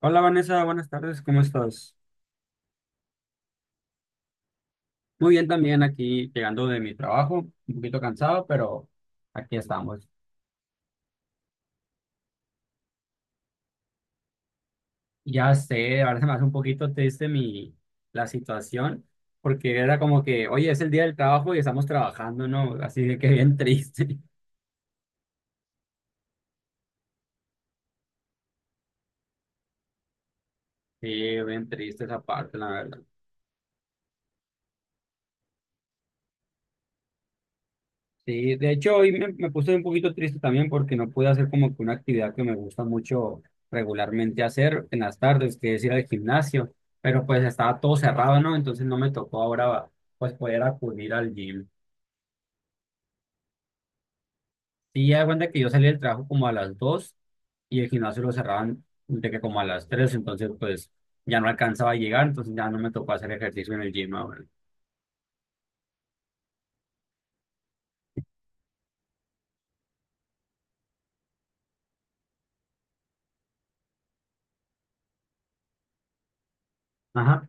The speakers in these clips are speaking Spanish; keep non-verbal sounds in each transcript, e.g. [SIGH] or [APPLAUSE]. Hola Vanessa, buenas tardes, ¿cómo estás? Muy bien también aquí llegando de mi trabajo, un poquito cansado, pero aquí estamos. Ya sé, ahora se me hace un poquito triste la situación, porque era como que, oye, es el día del trabajo y estamos trabajando, ¿no? Así de que bien triste. [LAUGHS] Sí, bien triste esa parte, la verdad. Sí, de hecho hoy me puse un poquito triste también porque no pude hacer como que una actividad que me gusta mucho regularmente hacer en las tardes, que es ir al gimnasio, pero pues estaba todo cerrado, ¿no? Entonces no me tocó ahora pues poder acudir al gym. Sí, ya de cuenta que yo salí del trabajo como a las 2 y el gimnasio lo cerraban de que como a las 3, entonces pues ya no alcanzaba a llegar, entonces ya no me tocó hacer ejercicio en el gym ahora. Ajá.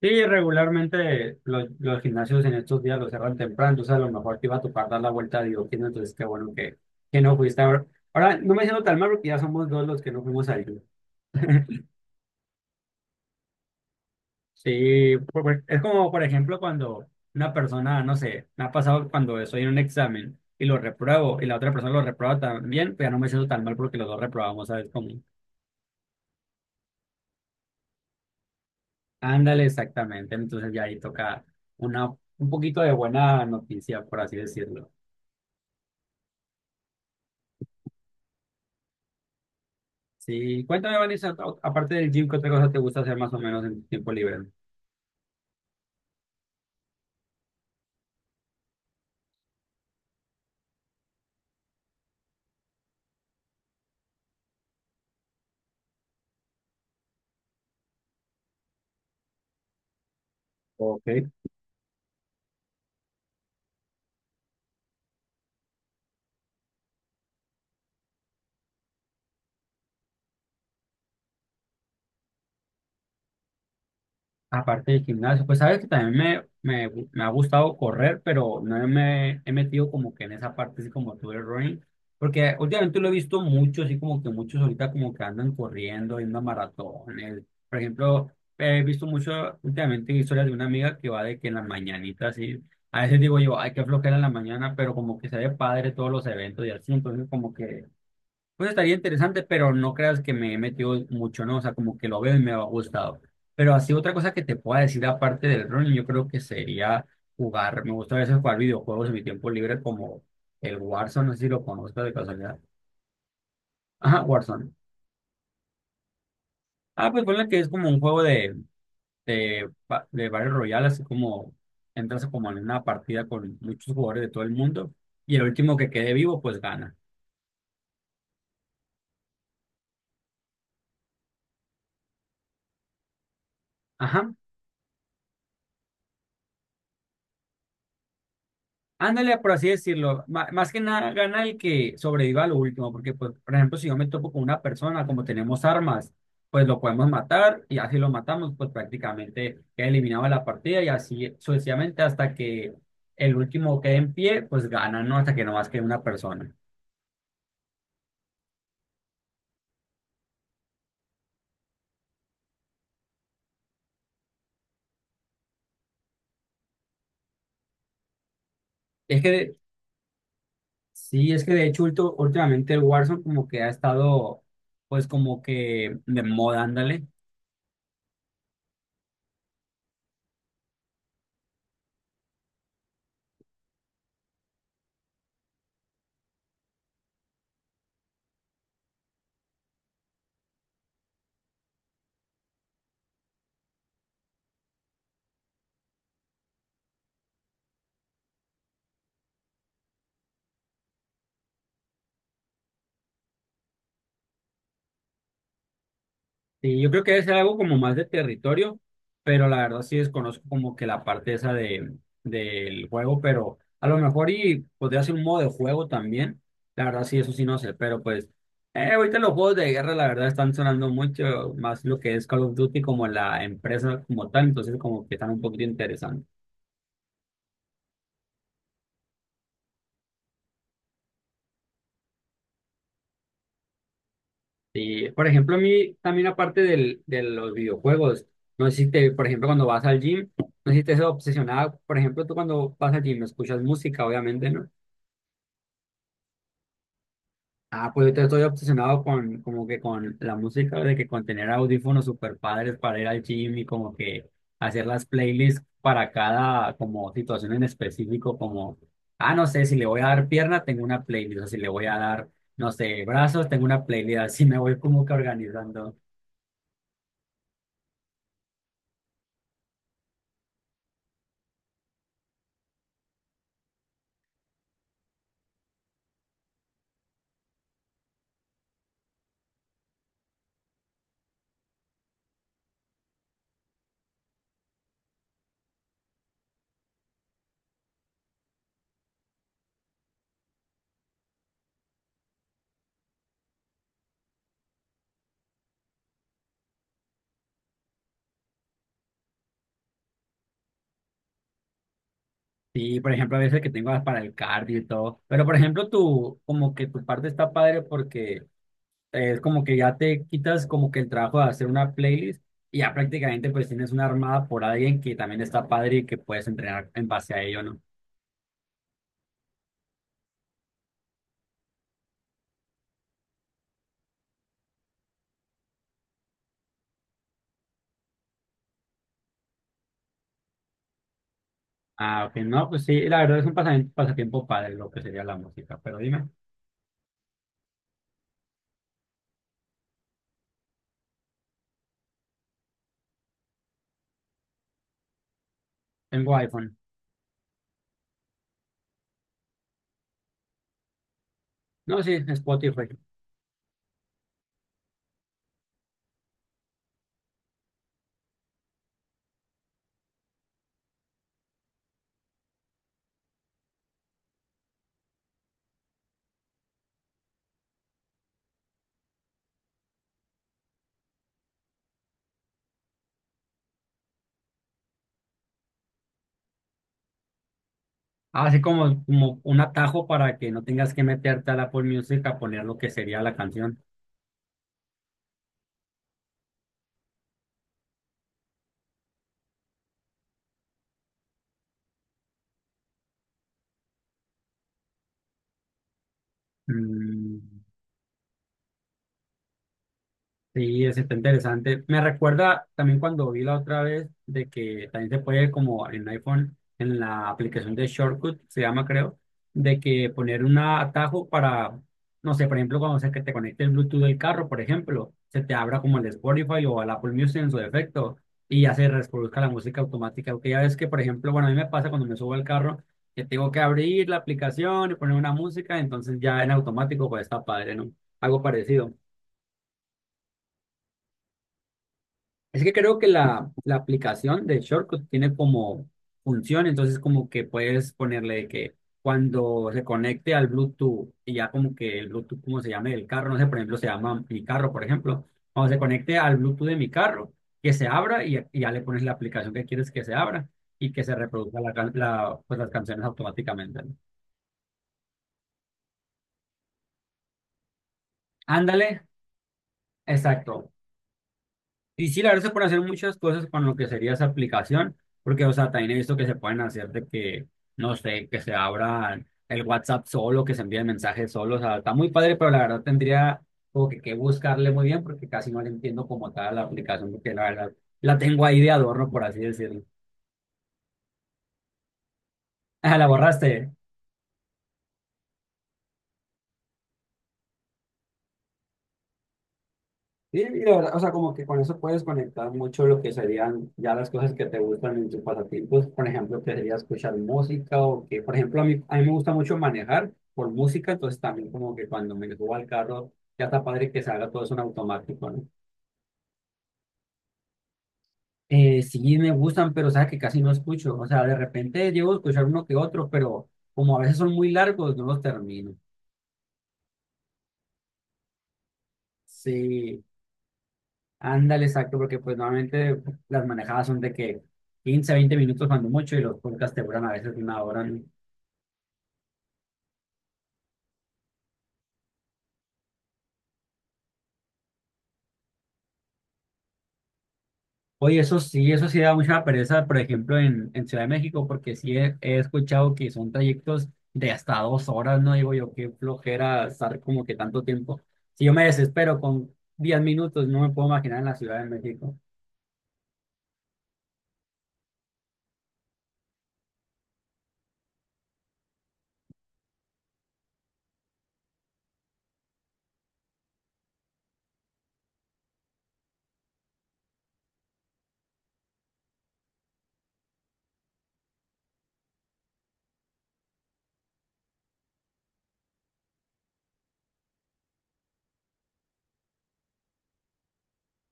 Sí, regularmente los gimnasios en estos días los cerran temprano, entonces a lo mejor te iba a topar dar la vuelta a Diógenes, entonces qué bueno que no fuiste ahora. Ahora no me siento tan mal porque ya somos dos los que no fuimos al club. [LAUGHS] Sí, es como por ejemplo cuando una persona, no sé, me ha pasado cuando estoy en un examen y lo repruebo y la otra persona lo reprueba también, pues ya no me siento tan mal porque los dos reprobamos, ¿sabes? Ándale, exactamente, entonces ya ahí toca una, un poquito de buena noticia, por así decirlo. Sí, cuéntame, Vanessa, aparte del gym, ¿qué otra cosa te gusta hacer más o menos en tu tiempo libre? Ok. Aparte del gimnasio, pues sabes que también me ha gustado correr, pero no me he metido como que en esa parte así como tú el running, porque últimamente lo he visto mucho, así como que muchos ahorita como que andan corriendo, yendo a maratones. Por ejemplo, he visto mucho últimamente historias de una amiga que va de que en las mañanitas, así, a veces digo yo, ay, qué flojera en la mañana, pero como que se ve padre todos los eventos y así, entonces como que pues estaría interesante, pero no creas que me he metido mucho, ¿no? O sea, como que lo veo y me ha gustado. Pero así otra cosa que te pueda decir aparte del running, yo creo que sería jugar. Me gusta a veces jugar videojuegos en mi tiempo libre como el Warzone, no sé si lo conozco de casualidad. Ajá, Warzone. Ah, pues ponle que es como un juego de Battle Royale, así como entras como en una partida con muchos jugadores de todo el mundo y el último que quede vivo, pues gana. Ajá. Ándale, por así decirlo. Más que nada gana el que sobreviva a lo último, porque, pues, por ejemplo, si yo me topo con una persona, como tenemos armas, pues lo podemos matar y así lo matamos, pues prácticamente queda eliminado de la partida y así sucesivamente hasta que el último quede en pie, pues gana, ¿no? Hasta que no más quede una persona. Es que, sí, es que de hecho últimamente el Warzone como que ha estado, pues como que de moda, ándale. Sí, yo creo que debe ser algo como más de territorio, pero la verdad sí desconozco como que la parte esa del juego, pero a lo mejor y podría ser un modo de juego también. La verdad sí, eso sí no sé, pero pues ahorita los juegos de guerra la verdad están sonando mucho más lo que es Call of Duty como la empresa como tal, entonces como que están un poquito interesantes. Y por ejemplo, a mí también aparte de los videojuegos, no sé si te, por ejemplo, cuando vas al gym, no sé si te obsesionada, por ejemplo, tú cuando vas al gym escuchas música, obviamente, ¿no? Ah, pues ahorita estoy obsesionado con, como que con la música, de que con tener audífonos super padres para ir al gym y como que hacer las playlists para cada como situación en específico, como, ah, no sé, si le voy a dar pierna, tengo una playlist, o si le voy a dar, no sé, brazos, tengo una playlist, así me voy como que organizando. Sí, por ejemplo, a veces que tengo para el cardio y todo, pero por ejemplo, tú, como que tu parte está padre porque... Es como que ya te quitas como que el trabajo de hacer una playlist y ya prácticamente pues tienes una armada por alguien que también está padre y que puedes entrenar en base a ello, ¿no? Ah, ok, no, pues sí, la verdad es un pasatiempo padre lo que sería la música, pero dime, tengo iPhone. No, sí, Spotify. Así como, como un atajo para que no tengas que meterte al Apple Music a poner lo que sería la canción. Mm, Sí, es está interesante. Me recuerda también cuando vi la otra vez de que también se puede como en iPhone, en la aplicación de Shortcut, se llama creo, de que poner un atajo para, no sé, por ejemplo, cuando se que te conecte el Bluetooth del carro, por ejemplo, se te abra como el Spotify o el Apple Music en su defecto y ya se reproduzca la música automática. Porque ya ves que, por ejemplo, bueno, a mí me pasa cuando me subo al carro que tengo que abrir la aplicación y poner una música, entonces ya en automático pues está padre, ¿no? Algo parecido. Es que creo que la aplicación de Shortcut tiene como función, entonces como que puedes ponerle de que cuando se conecte al Bluetooth y ya como que el Bluetooth, como se llame el carro, no sé, por ejemplo, se llama mi carro, por ejemplo, cuando se conecte al Bluetooth de mi carro, que se abra y ya le pones la aplicación que quieres que se abra y que se reproduzca pues las canciones automáticamente, ¿no? Ándale, exacto. Y sí, la verdad se pueden hacer muchas cosas con lo que sería esa aplicación, porque, o sea, también he visto que se pueden hacer de que, no sé, que se abra el WhatsApp solo, que se envíen mensajes solo, o sea, está muy padre, pero la verdad tendría como que buscarle muy bien, porque casi no le entiendo como tal la aplicación, porque la verdad la tengo ahí de adorno, por así decirlo. [LAUGHS] Ah, la borraste. Sí, y la verdad, o sea, como que con eso puedes conectar mucho lo que serían ya las cosas que te gustan en tus pasatiempos, por ejemplo, que sería escuchar música o que, por ejemplo, a mí me gusta mucho manejar por música, entonces también como que cuando me subo al carro, ya está padre que se haga todo eso en automático, ¿no? Sí me gustan, pero sabes que casi no escucho, o sea, de repente llego a escuchar uno que otro, pero como a veces son muy largos, no los termino. Sí, ándale, exacto, porque pues normalmente las manejadas son de que 15, 20 minutos cuando mucho y los podcasts te duran a veces una hora, ¿no? Oye, eso sí da mucha pereza, por ejemplo, en Ciudad de México, porque sí he escuchado que son trayectos de hasta 2 horas, ¿no? Digo yo, qué flojera estar como que tanto tiempo. Si yo me desespero con 10 minutos, no me puedo imaginar en la Ciudad de México.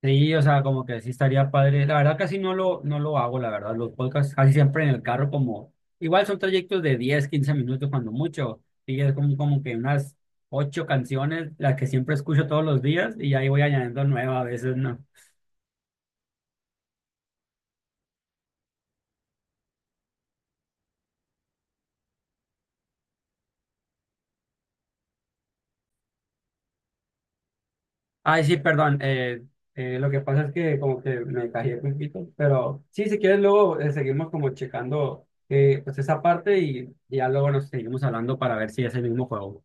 Sí, o sea, como que sí estaría padre. La verdad casi no lo hago, la verdad. Los podcasts casi siempre en el carro como... Igual son trayectos de 10, 15 minutos cuando mucho. Y es como, como que unas ocho canciones, las que siempre escucho todos los días y ahí voy añadiendo nuevas a veces, ¿no? Ay, sí, perdón. Lo que pasa es que como que me callé un poquito. Pero sí, si quieres luego seguimos como checando pues esa parte y ya luego nos seguimos hablando para ver si es el mismo juego.